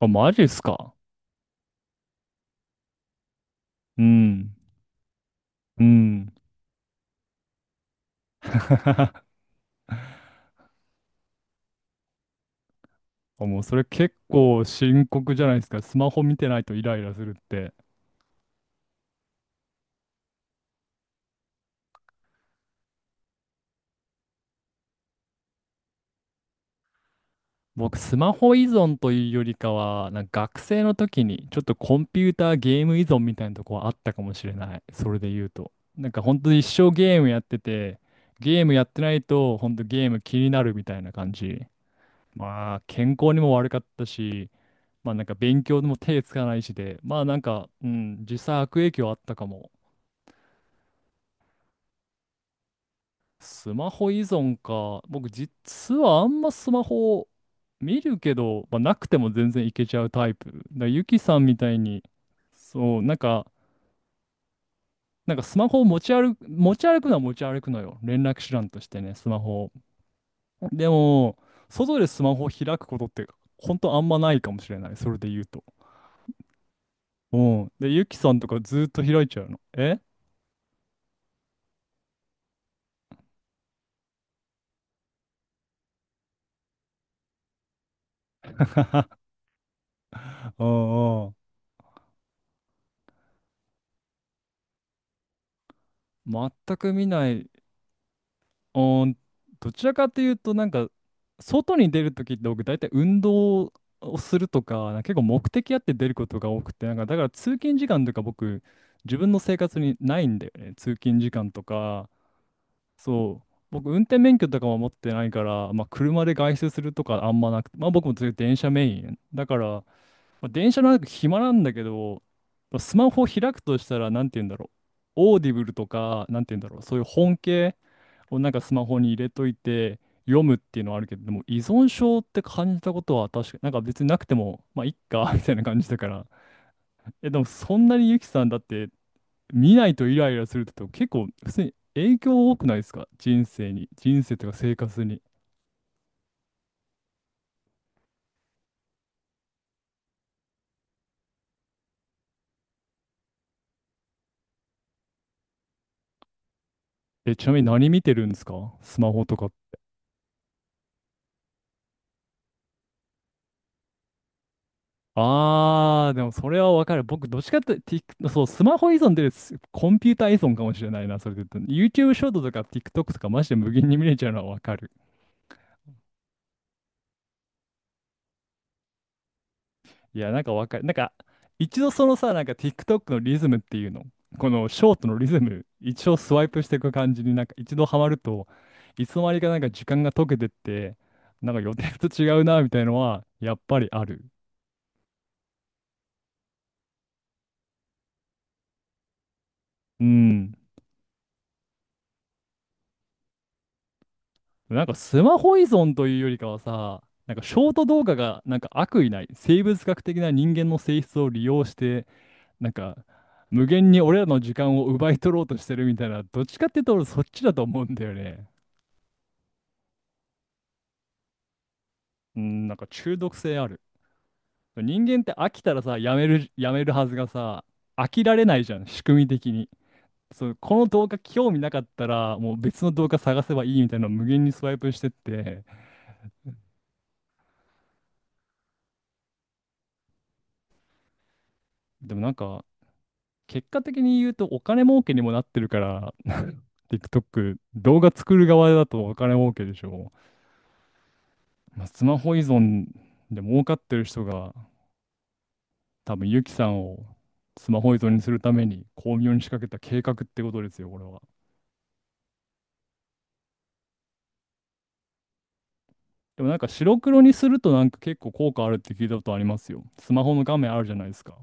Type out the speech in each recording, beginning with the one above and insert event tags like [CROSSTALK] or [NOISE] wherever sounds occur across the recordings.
あ、マジっすか。うん。うん。[LAUGHS] あ、もうそれ結構深刻じゃないですか。スマホ見てないとイライラするって。僕、スマホ依存というよりかは、なんか学生の時にちょっとコンピューターゲーム依存みたいなとこはあったかもしれない。それで言うと。なんか本当に一生ゲームやってて、ゲームやってないと本当ゲーム気になるみたいな感じ。まあ、健康にも悪かったし、まあなんか勉強でも手つかないしで、まあなんか、うん、実際悪影響あったかも。スマホ依存か。僕実はあんまスマホを見るけど、まあ、なくても全然いけちゃうタイプ。だからゆきさんみたいに、そう、なんか、なんかスマホを持ち歩くのは持ち歩くのよ。連絡手段としてね、スマホを。でも、外でスマホを開くことって、ほんとあんまないかもしれない。それで言うと。うん。で、ゆきさんとかずっと開いちゃうの。え、うんうん。全く見ない。おー、どちらかというと、なんか、外に出るときって僕、大体運動をするとか、なんか結構目的あって出ることが多くて、なんか、だから通勤時間とか僕、自分の生活にないんだよね。通勤時間とか、そう、僕、運転免許とかも持ってないから、まあ、車で外出するとかあんまなくて、まあ、僕もず電車メイン。だから、まあ、電車の中暇なんだけど、スマホを開くとしたら、なんて言うんだろう。オーディブルとか、なんて言うんだろう。そういう本系。をなんかスマホに入れといて読むっていうのはあるけど、でも依存症って感じたことは確か、なんか別になくても、まあいっか [LAUGHS] みたいな感じだから。え、でもそんなにゆきさんだって見ないとイライラするってと結構普通に影響多くないですか人生に。人生とか生活に。え、ちなみに何見てるんですかスマホとか。あー、でもそれはわかる。僕、どっちかって、そう、スマホ依存ですコンピューター依存かもしれないな、それで言うと。YouTube ショートとか TikTok とかマジで無限に見れちゃうのはわかる。いや、なんかわかる。なんか、一度そのさ、なんか TikTok のリズムっていうの、このショートのリズム、一応スワイプしていく感じになんか一度ハマると、いつの間にかなんか時間が溶けてって、なんか予定と違うな、みたいのは、やっぱりある。うん。なんかスマホ依存というよりかはさ、なんかショート動画がなんか悪意ない、生物学的な人間の性質を利用して、なんか、無限に俺らの時間を奪い取ろうとしてるみたいな、どっちかっていうと俺そっちだと思うんだよね。うん、なんか中毒性ある。人間って飽きたらさ、やめるはずがさ、飽きられないじゃん、仕組み的に。そう、この動画興味なかったら、もう別の動画探せばいいみたいなのを無限にスワイプしてって、でもなんか、結果的に言うとお金儲けにもなってるから、TikTok、動画作る側だとお金儲けでしょ。まあ、スマホ依存で儲かってる人が、多分ユキさんをスマホ依存にするために巧妙に仕掛けた計画ってことですよ、これは。でもなんか白黒にするとなんか結構効果あるって聞いたことありますよ。スマホの画面あるじゃないですか。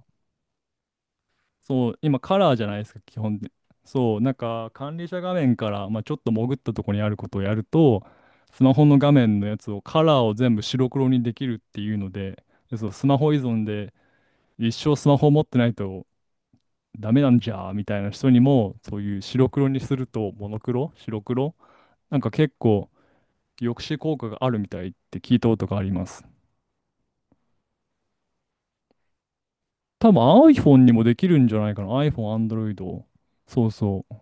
そう、今カラーじゃないですか、基本で。そう、なんか管理者画面から、まあ、ちょっと潜ったところにあることをやると、スマホの画面のやつをカラーを全部白黒にできるっていうので、でそう、スマホ依存で一生スマホ持ってないとダメなんじゃーみたいな人にも、そういう白黒にするとモノクロ、白黒、なんか結構抑止効果があるみたいって聞いたことがあります。多分 iPhone にもできるんじゃないかな。iPhone、Android。そうそう。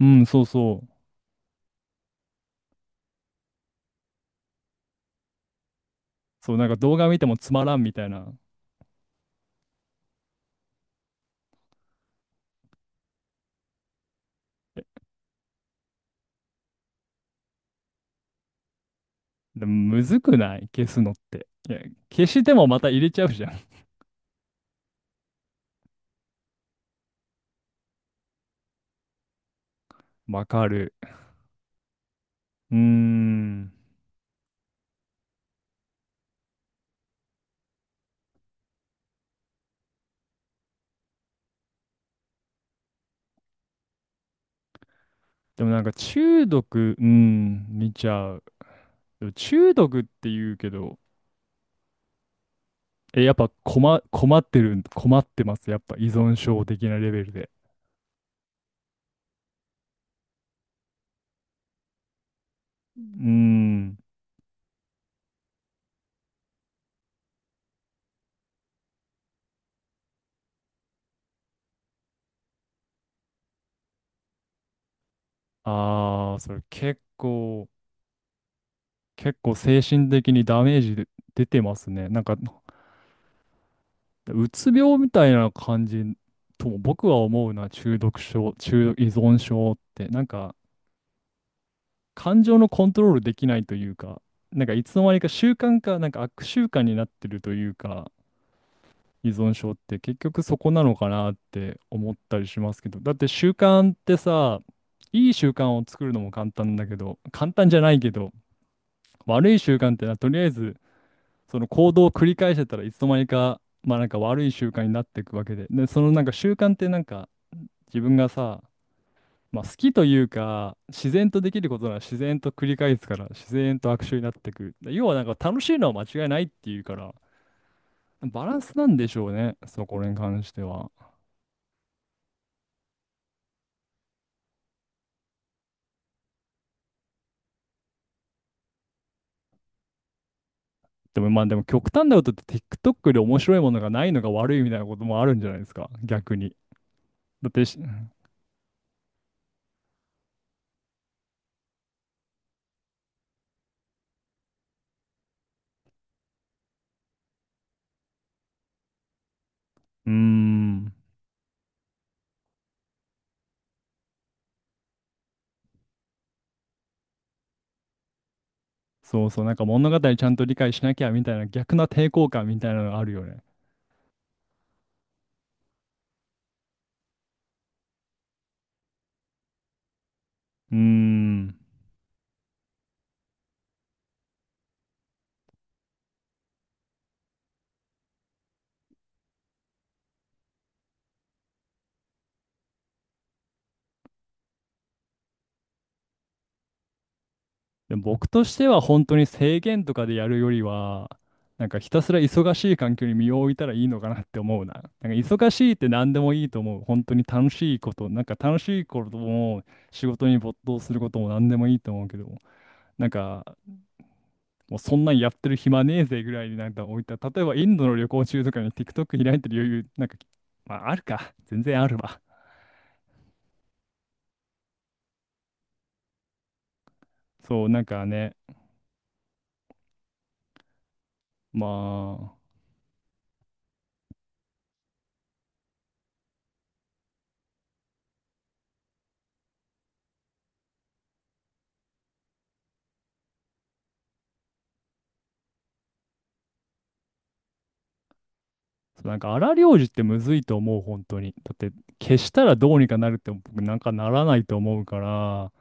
うん、そうそう。そう、なんか動画見てもつまらんみたいな。でも、むずくない消すのって。いや、消してもまた入れちゃうじゃん。[LAUGHS] わかる。うーん。でもなんか中毒、うん、見ちゃう。でも中毒って言うけど、え、やっぱ困ってます。やっぱ依存症的なレベルで。うーん。ああ、それ結構精神的にダメージで出てますね。なんか、うつ病みたいな感じとも僕は思うな、中毒症、中毒依存症って。なんか、感情のコントロールできないというか、なんかいつの間にか習慣か、なんか悪習慣になってるというか、依存症って結局そこなのかなって思ったりしますけど、だって習慣ってさ、いい習慣を作るのも簡単だけど、簡単じゃないけど、悪い習慣ってのはとりあえず、その行動を繰り返してたらいつの間にか、まあなんか悪い習慣になっていくわけで。で、そのなんか習慣ってなんか自分がさ、まあ好きというか、自然とできることなら自然と繰り返すから、自然と悪臭になっていく。で要はなんか楽しいのは間違いないっていうから、バランスなんでしょうね、そこに関しては。でもまあでも極端なことって TikTok で面白いものがないのが悪いみたいなこともあるんじゃないですか、逆に。だってし、うーん。そうそう、なんか物語ちゃんと理解しなきゃみたいな逆な抵抗感みたいなのがあるよね。うーん。でも僕としては本当に制限とかでやるよりは、なんかひたすら忙しい環境に身を置いたらいいのかなって思うな。なんか忙しいって何でもいいと思う。本当に楽しいこと、なんか楽しいことも仕事に没頭することも何でもいいと思うけど、なんかもうそんなんやってる暇ねえぜぐらいになんか置いた。例えばインドの旅行中とかに TikTok 開いてる余裕、なんか、まああるか。全然あるわ。そう、なんかね、まあ、そうなんか荒療治ってむずいと思う、本当に。だって、消したらどうにかなるって僕なんかならないと思うから、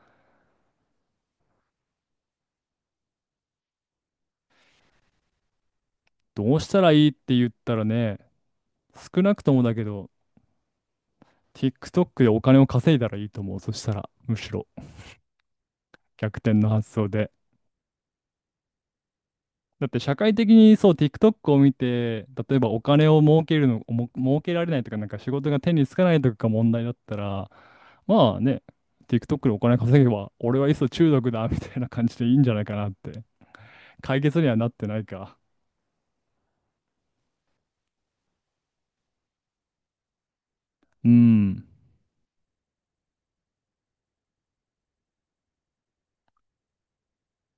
どうしたらいいって言ったらね、少なくともだけど、TikTok でお金を稼いだらいいと思う。そしたら、むしろ逆転の発想で。だって社会的にそう TikTok を見て、例えばお金を儲けるの、も儲けられないとか、なんか仕事が手につかないとかが問題だったら、まあね、TikTok でお金稼げば、俺はいっそ中毒だ、みたいな感じでいいんじゃないかなって。解決にはなってないか。うん。